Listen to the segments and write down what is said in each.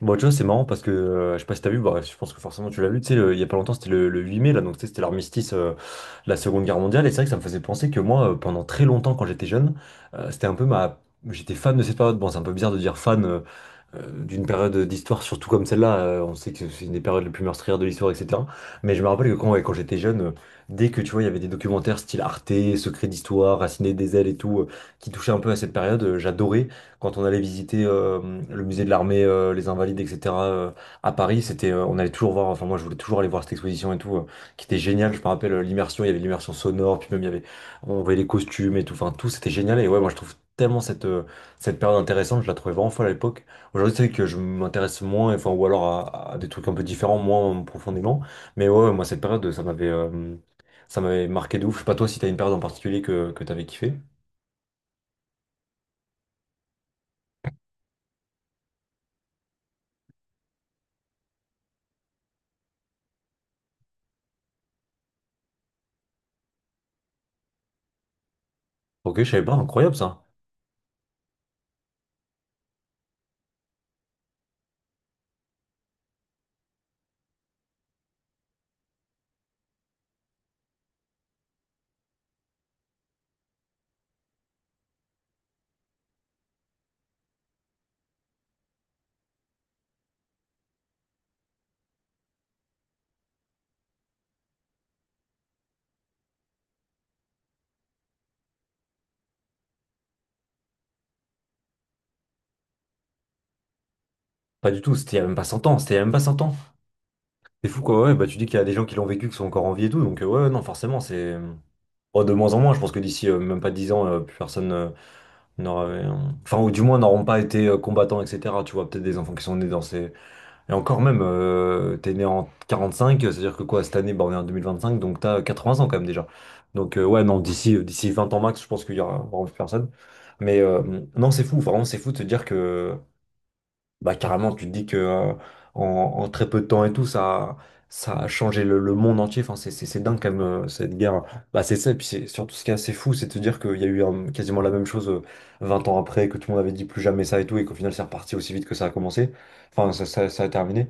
Bon, tu vois, c'est marrant parce que je sais pas si t'as vu, bah, je pense que forcément tu l'as vu, tu sais, il y a pas longtemps, c'était le 8 mai, là, donc tu sais, c'était l'armistice de la Seconde Guerre mondiale, et c'est vrai que ça me faisait penser que moi, pendant très longtemps, quand j'étais jeune, c'était un peu ma. J'étais fan de cette période. Bon, c'est un peu bizarre de dire fan, d'une période d'histoire, surtout comme celle-là. On sait que c'est une des périodes les plus meurtrières de l'histoire, etc. Mais je me rappelle que quand, ouais, quand j'étais jeune, dès que tu vois, il y avait des documentaires style Arte, Secrets d'Histoire, Raciné des Ailes et tout, qui touchaient un peu à cette période, j'adorais. Quand on allait visiter le musée de l'armée, les Invalides, etc. À Paris, c'était, on allait toujours voir, enfin moi je voulais toujours aller voir cette exposition et tout, qui était géniale. Je me rappelle l'immersion, il y avait l'immersion sonore, puis même il y avait, on voyait les costumes et tout, enfin tout, c'était génial. Et ouais, moi je trouve tellement cette période intéressante, je la trouvais vraiment folle à l'époque. Aujourd'hui, c'est vrai que je m'intéresse moins, enfin, ou alors à des trucs un peu différents, moins profondément. Mais ouais, moi, cette période, ça m'avait marqué de ouf. Je sais pas toi si t'as une période en particulier que t'avais kiffé. Ok, je savais pas, incroyable ça. Pas du tout, c'était il y a même pas 100 ans, c'était il y a même pas cent ans. C'est fou quoi, ouais, bah tu dis qu'il y a des gens qui l'ont vécu, qui sont encore en vie et tout, donc ouais, non, forcément, c'est. Oh, de moins en moins, je pense que d'ici même pas 10 ans, plus personne n'aura. Enfin, ou du moins n'auront pas été combattants, etc. Tu vois, peut-être des enfants qui sont nés. Et encore même, t'es né en 45, c'est-à-dire que quoi, cette année, bah, on est en 2025, donc t'as 80 ans quand même déjà. Donc ouais, non, d'ici 20 ans max, je pense qu'il y aura vraiment plus personne. Mais non, c'est fou, vraiment, c'est fou de se dire que, bah carrément, tu te dis que en très peu de temps et tout, ça a changé le monde entier. Enfin, c'est dingue quand même, cette guerre. Bah c'est ça, et puis c'est surtout ce qui est assez fou, c'est de se dire qu'il y a eu quasiment la même chose 20 ans après, que tout le monde avait dit plus jamais ça et tout, et qu'au final, c'est reparti aussi vite que ça a commencé. Enfin, ça a terminé.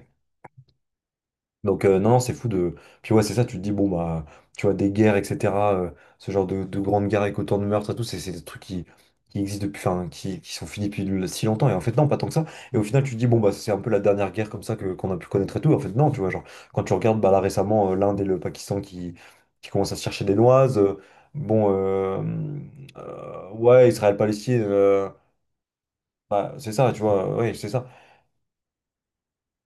Donc non, non, c'est fou de... Puis ouais, c'est ça, tu te dis, bon, bah, tu vois, des guerres, etc., ce genre de grandes guerres avec autant de meurtres et tout, c'est des trucs qui existent depuis, enfin, qui sont finis depuis si longtemps, et en fait non, pas tant que ça. Et au final, tu te dis, bon, bah, c'est un peu la dernière guerre comme ça qu'on a pu connaître et tout, en fait non, tu vois, genre, quand tu regardes, bah, là récemment, l'Inde et le Pakistan qui commencent à se chercher des noises, bon, ouais, Israël-Palestine, bah, c'est ça, tu vois, ouais, c'est ça.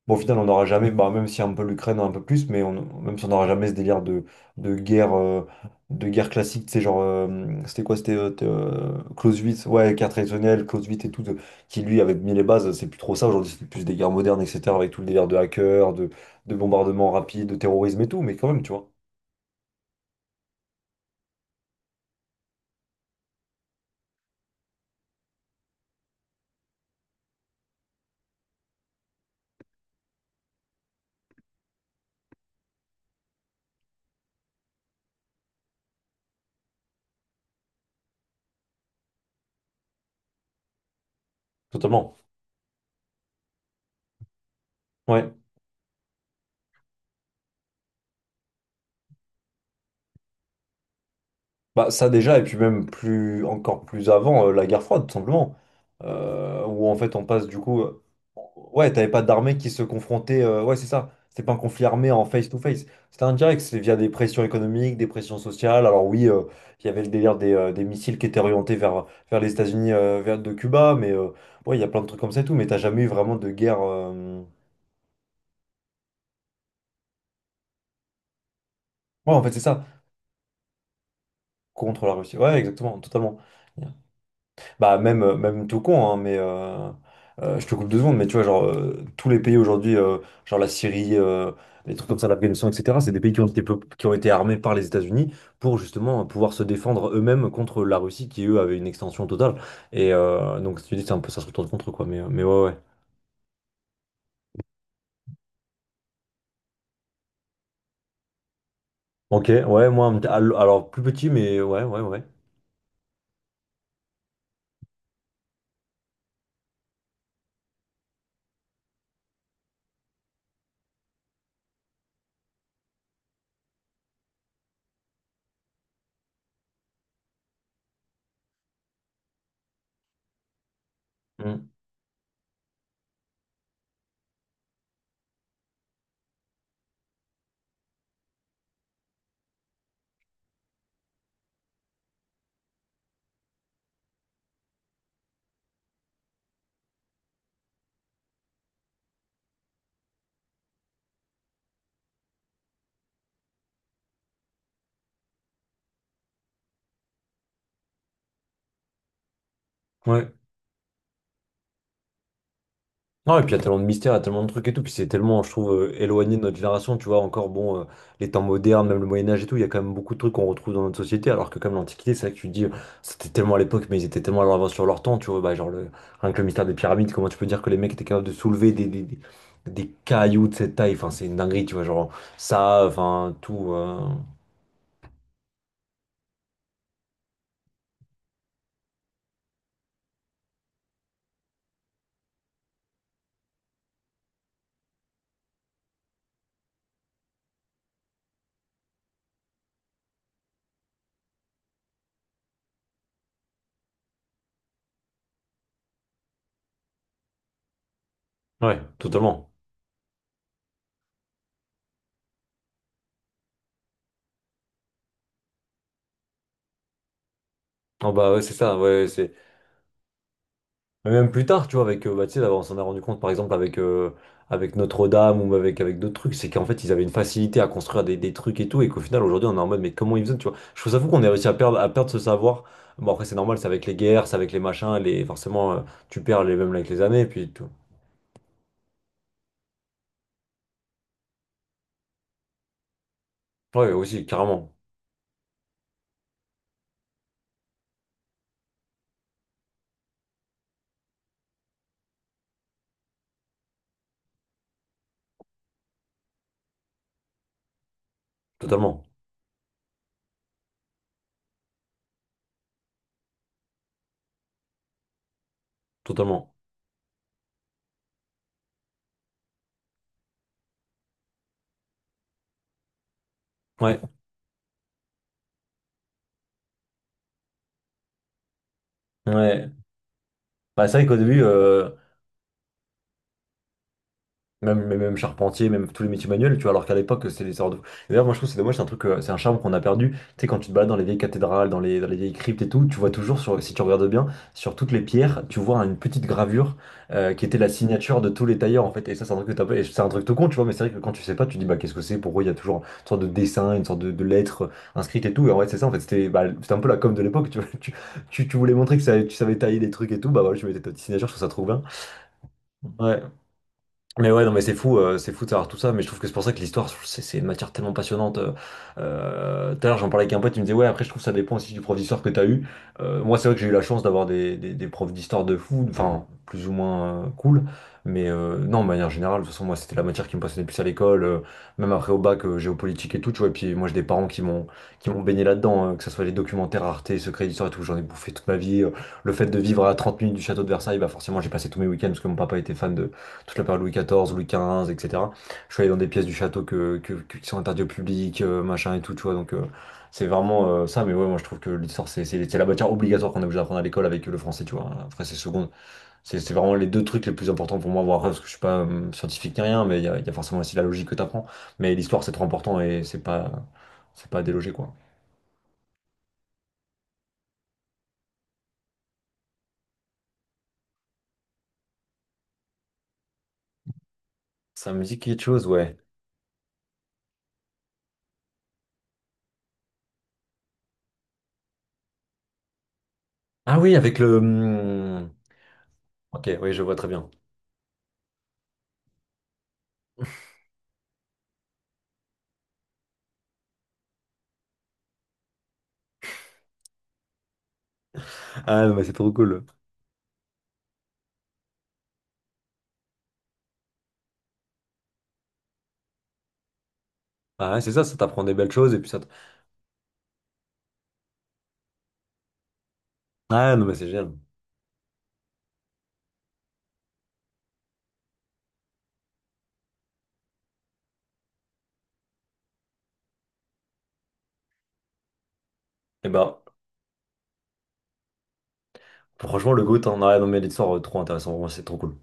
Bon, au final, on n'aura jamais, bah, même si un peu l'Ukraine un peu plus, même si on n'aura jamais ce délire de guerre, de guerre classique, tu sais, genre, c'était quoi, Clausewitz, ouais, guerre traditionnelle, Clausewitz et tout, qui lui avait mis les bases, c'est plus trop ça aujourd'hui, c'est plus des guerres modernes, etc., avec tout le délire de hackers, de bombardements rapides, de terrorisme et tout, mais quand même, tu vois, totalement. Ouais. Bah ça déjà, et puis même plus encore plus avant, la guerre froide, tout simplement. Où en fait on passe du coup. Ouais, t'avais pas d'armée qui se confrontait. Ouais, c'est ça. C'était pas un conflit armé en face-to-face. C'était indirect, c'est via des pressions économiques, des pressions sociales. Alors oui, il y avait le délire des missiles qui étaient orientés vers les États-Unis, vers de Cuba, mais ouais, il y a plein de trucs comme ça et tout, mais t'as jamais eu vraiment de guerre. Ouais, en fait, c'est ça, contre la Russie. Ouais, exactement, totalement. Bah même tout con, hein, mais je te coupe deux secondes, mais tu vois, genre tous les pays aujourd'hui, genre la Syrie, les trucs comme ça, l'Afghanistan, etc., c'est des pays qui ont été, qui ont été armés par les États-Unis pour justement pouvoir se défendre eux-mêmes contre la Russie qui, eux, avait une extension totale. Et donc, si tu dis, c'est un peu ça se retourne contre, quoi, mais ouais, ouais. Ok, ouais, moi, un alors plus petit, mais ouais, ouais, ouais. Mm. Ouais. Non, et puis il y a tellement de mystères, il y a tellement de trucs et tout, puis c'est tellement, je trouve, éloigné de notre génération, tu vois, encore, bon, les temps modernes, même le Moyen-Âge et tout, il y a quand même beaucoup de trucs qu'on retrouve dans notre société, alors que comme l'Antiquité, c'est vrai que tu dis, c'était tellement à l'époque, mais ils étaient tellement à l'avance sur leur temps, tu vois, bah, genre, rien que le mystère des pyramides, comment tu peux dire que les mecs étaient capables de soulever des cailloux de cette taille, enfin, c'est une dinguerie, tu vois, genre, ça, enfin, tout, ouais, totalement. Non, bah, ouais, c'est ça, ouais, c'est... Mais même plus tard, tu vois, avec, bah, tu sais, là, on s'en est rendu compte, par exemple, avec Notre-Dame ou avec d'autres trucs, c'est qu'en fait, ils avaient une facilité à construire des trucs et tout, et qu'au final, aujourd'hui, on est en mode, mais comment ils faisaient, tu vois. Je trouve ça fou qu'on est réussi à perdre ce savoir. Bon, après, c'est normal, c'est avec les guerres, c'est avec les machins, forcément, tu perds les mêmes avec les années, puis tout. Ouais, aussi, carrément, totalement, totalement. Ouais, ouais. Bah, c'est vrai qu'au début, même charpentier, même tous les métiers manuels, tu vois, alors qu'à l'époque, c'était des sortes de... D'ailleurs, moi, je trouve que c'est dommage, c'est un truc, c'est un charme qu'on a perdu. Tu sais, quand tu te balades dans les vieilles cathédrales, dans les vieilles cryptes et tout, tu vois toujours, si tu regardes bien, sur toutes les pierres, tu vois une petite gravure qui était la signature de tous les tailleurs, en fait. Et ça, c'est un truc que t'as pas- et c'est un truc tout con, tu vois, mais c'est vrai que quand tu sais pas, tu te dis, bah, qu'est-ce que c'est, pourquoi il y a toujours une sorte de dessin, une sorte de lettre inscrite et tout. Et en fait, c'est ça, en fait, c'était un peu la com de l'époque, tu vois. Tu voulais montrer tu savais tailler des trucs et tout, bah voilà, tu mettais ta petite signature, je trouve ça trop bien. Ouais, mais ouais, non, mais c'est fou de savoir tout ça, mais je trouve que c'est pour ça que l'histoire, c'est une matière tellement passionnante. Tout à l'heure, j'en parlais avec un pote, il me disait, ouais, après, je trouve que ça dépend aussi du prof d'histoire que t'as eu. Moi, c'est vrai que j'ai eu la chance d'avoir des profs d'histoire de fou, enfin, plus ou moins cool, mais non, de manière générale, de toute façon, moi, c'était la matière qui me passionnait le plus à l'école, même après au bac, géopolitique et tout, tu vois, et puis moi, j'ai des parents qui m'ont baigné là-dedans, que ce soit les documentaires Arte, Secrets d'Histoire et tout, j'en ai bouffé toute ma vie. Le fait de vivre à 30 minutes du château de Versailles, bah forcément j'ai passé tous mes week-ends parce que mon papa était fan de, toute la période Louis XIV, Louis XV, etc. Je suis allé dans des pièces du château qui sont interdites au public, machin et tout, tu vois. Donc, c'est vraiment ça. Mais ouais, moi, je trouve que l'histoire, c'est la matière obligatoire qu'on est obligé d'apprendre à l'école avec le français, tu vois. Après, c'est seconde. C'est vraiment les deux trucs les plus importants pour moi, voir, parce que je suis pas scientifique ni rien, mais il y a forcément aussi la logique que tu apprends. Mais l'histoire, c'est trop important et c'est pas à déloger, quoi. Ça me dit quelque chose, ouais. Ah oui, avec le. Ok, oui, je vois très bien. Ah, non, mais c'est trop cool. Ah, ouais, c'est ça, ça t'apprend des belles choses et puis ça te Ah non mais c'est génial. Et ben franchement le GOAT, hein. Ah, non mais l'histoire trop intéressante, vraiment, c'est trop cool.